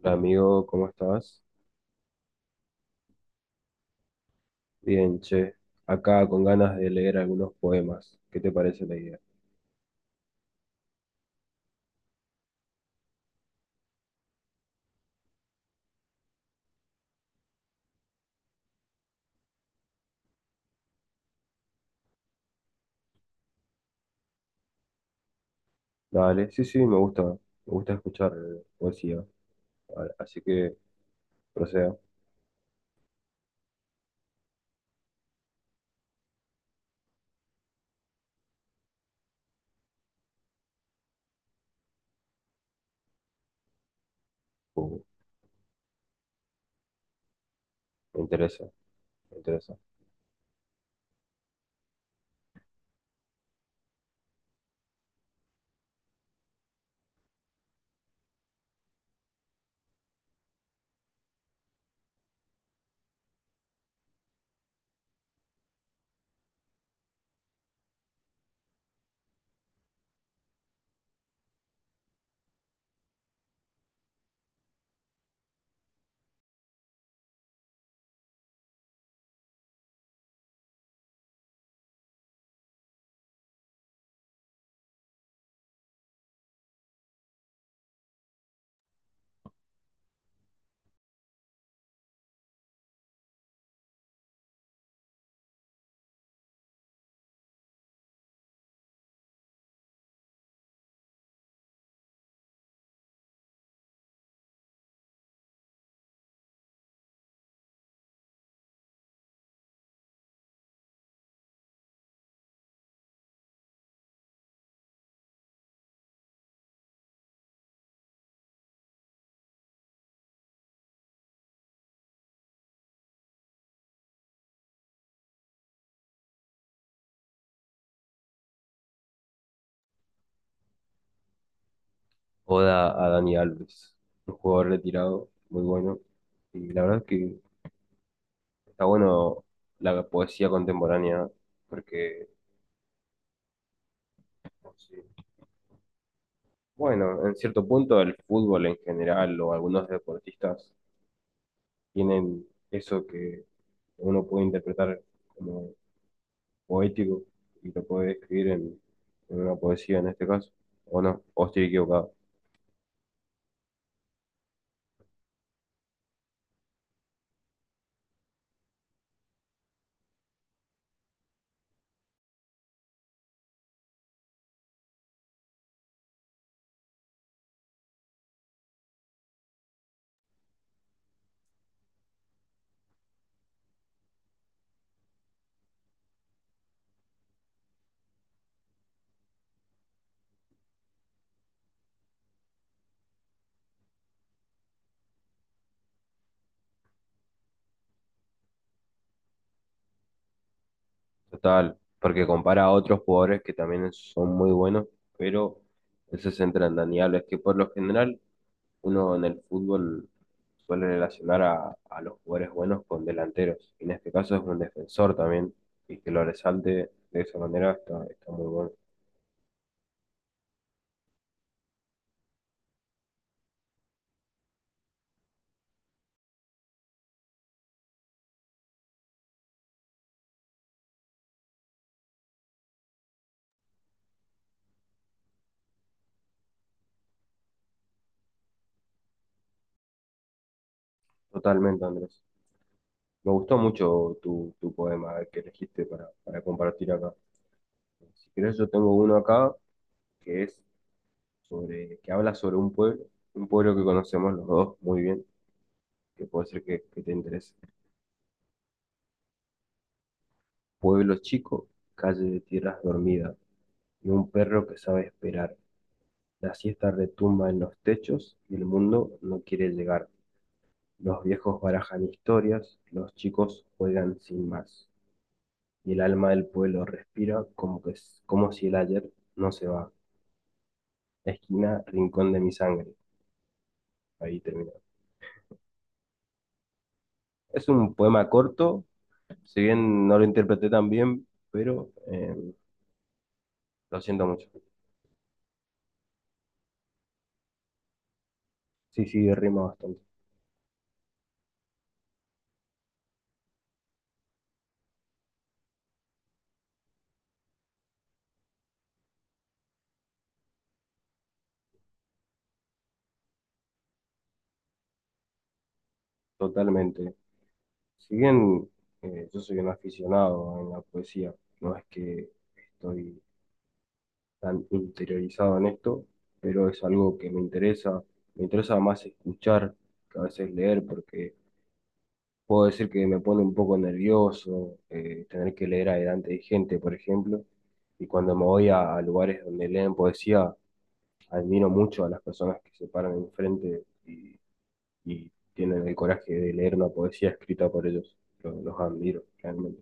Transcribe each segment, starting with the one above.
Hola amigo, ¿cómo estás? Bien, che. Acá con ganas de leer algunos poemas. ¿Qué te parece la idea? Dale, sí, sí, me gusta. Me gusta escuchar poesía. Así que proceda. Uh, me interesa, me interesa. Oda a Dani Alves, un jugador retirado, muy bueno. Y la verdad es que está bueno la poesía contemporánea, porque, sí, bueno, en cierto punto el fútbol en general o algunos deportistas tienen eso que uno puede interpretar como poético y lo puede escribir en una poesía en este caso, o no, o estoy equivocado. Total, porque compara a otros jugadores que también son muy buenos, pero él se centra en Dani Alves, que por lo general uno en el fútbol suele relacionar a los jugadores buenos con delanteros, y en este caso es un defensor también, y que lo resalte de esa manera está, está muy bueno. Totalmente, Andrés. Me gustó mucho tu poema que elegiste para compartir acá. Si querés, yo tengo uno acá que es sobre, que habla sobre un pueblo que conocemos los dos muy bien, que puede ser que te interese. Pueblo chico, calle de tierras dormida, y un perro que sabe esperar. La siesta retumba en los techos y el mundo no quiere llegar. Los viejos barajan historias, los chicos juegan sin más. Y el alma del pueblo respira como si el ayer no se va. Esquina, rincón de mi sangre. Ahí termina. Es un poema corto, si bien no lo interpreté tan bien, pero lo siento mucho. Sí, sí, rima bastante, totalmente. Si bien yo soy un aficionado en la poesía, no es que estoy tan interiorizado en esto, pero es algo que me interesa. Me interesa más escuchar que a veces leer, porque puedo decir que me pone un poco nervioso tener que leer adelante de gente, por ejemplo, y cuando me voy a lugares donde leen poesía, admiro mucho a las personas que se paran enfrente y tienen el coraje de leer una poesía escrita por ellos. Los admiro, realmente.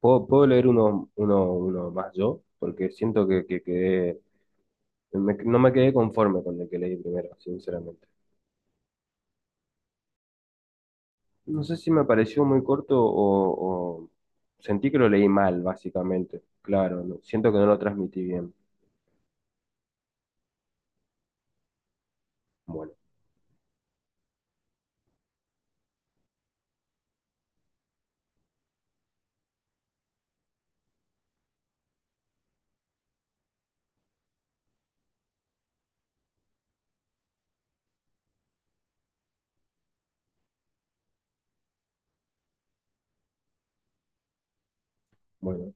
Puedo leer uno más yo? Porque siento que quedé, no me quedé conforme con el que leí primero, sinceramente. No sé si me pareció muy corto o sentí que lo leí mal, básicamente. Claro, siento que no lo transmití bien. Bueno, bueno,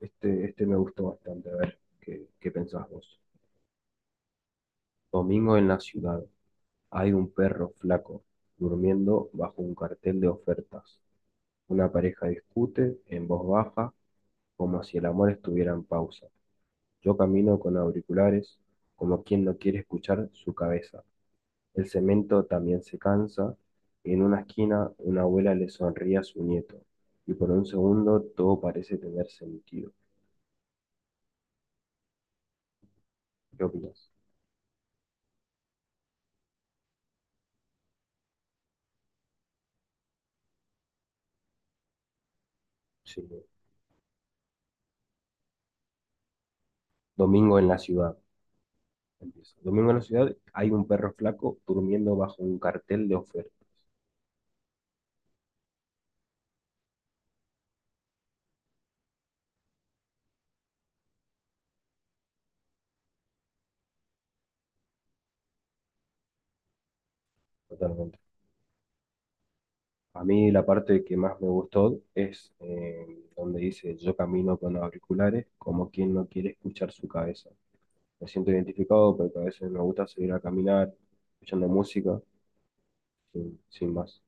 este me gustó bastante. A ver, qué pensás vos? Domingo en la ciudad. Hay un perro flaco durmiendo bajo un cartel de ofertas. Una pareja discute en voz baja como si el amor estuviera en pausa. Yo camino con auriculares como quien no quiere escuchar su cabeza. El cemento también se cansa. En una esquina, una abuela le sonríe a su nieto. Y por un segundo, todo parece tener sentido. ¿Qué opinas? Sí. Domingo en la ciudad. Empieza. Domingo en la ciudad hay un perro flaco durmiendo bajo un cartel de ofertas. Totalmente. A mí la parte que más me gustó es donde dice yo camino con auriculares como quien no quiere escuchar su cabeza. Me siento identificado porque a veces me gusta salir a caminar escuchando música sin más.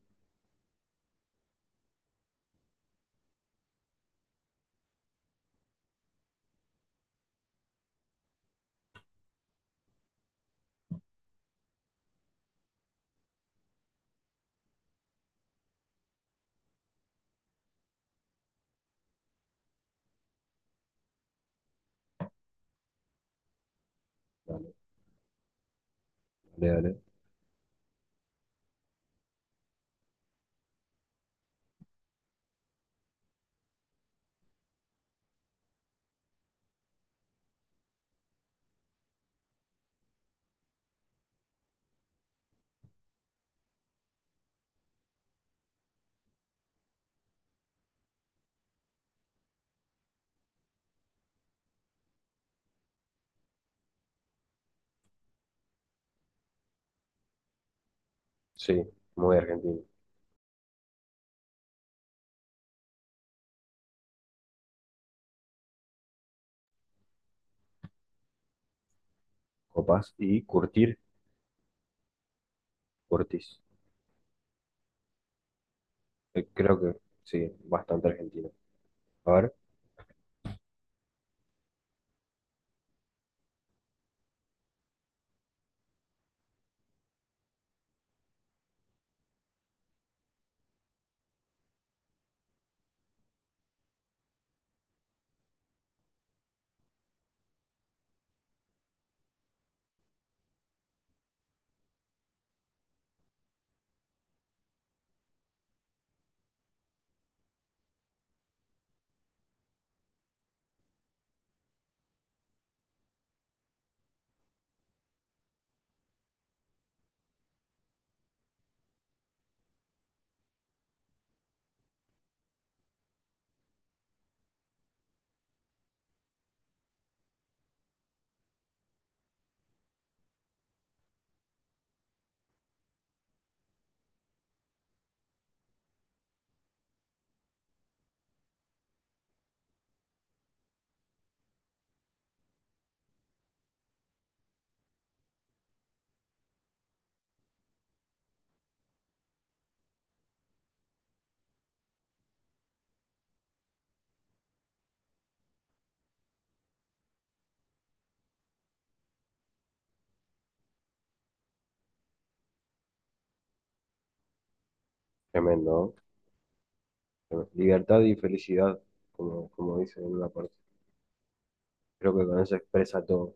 Dale, dale, dale. Sí, muy argentino. Copás y Curtir, Curtis. Creo que sí, bastante argentino. A ver, tremendo, ¿no? Tremendo. Libertad y felicidad, como dice en una parte. Creo que con eso expresa todo.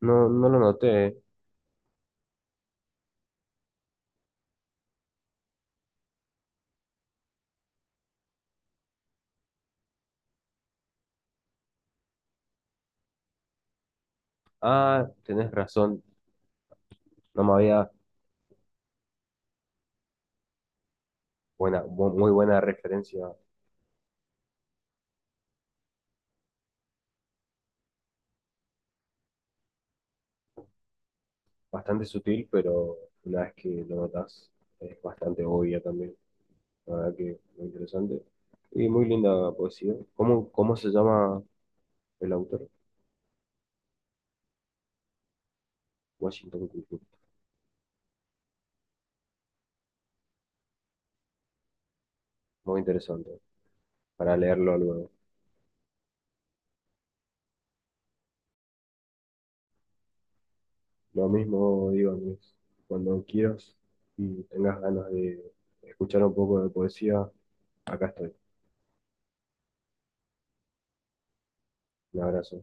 No, no lo noté. ¿Eh? Ah, tenés razón. No me había muy buena referencia. Bastante sutil, pero una vez que lo notas es bastante obvia también. La verdad que muy interesante. Y muy linda poesía. Cómo se llama? El autor, Washington Cultural. Muy interesante para leerlo luego. Lo mismo digo, Andrés, cuando quieras y tengas ganas de escuchar un poco de poesía, acá estoy. Un abrazo.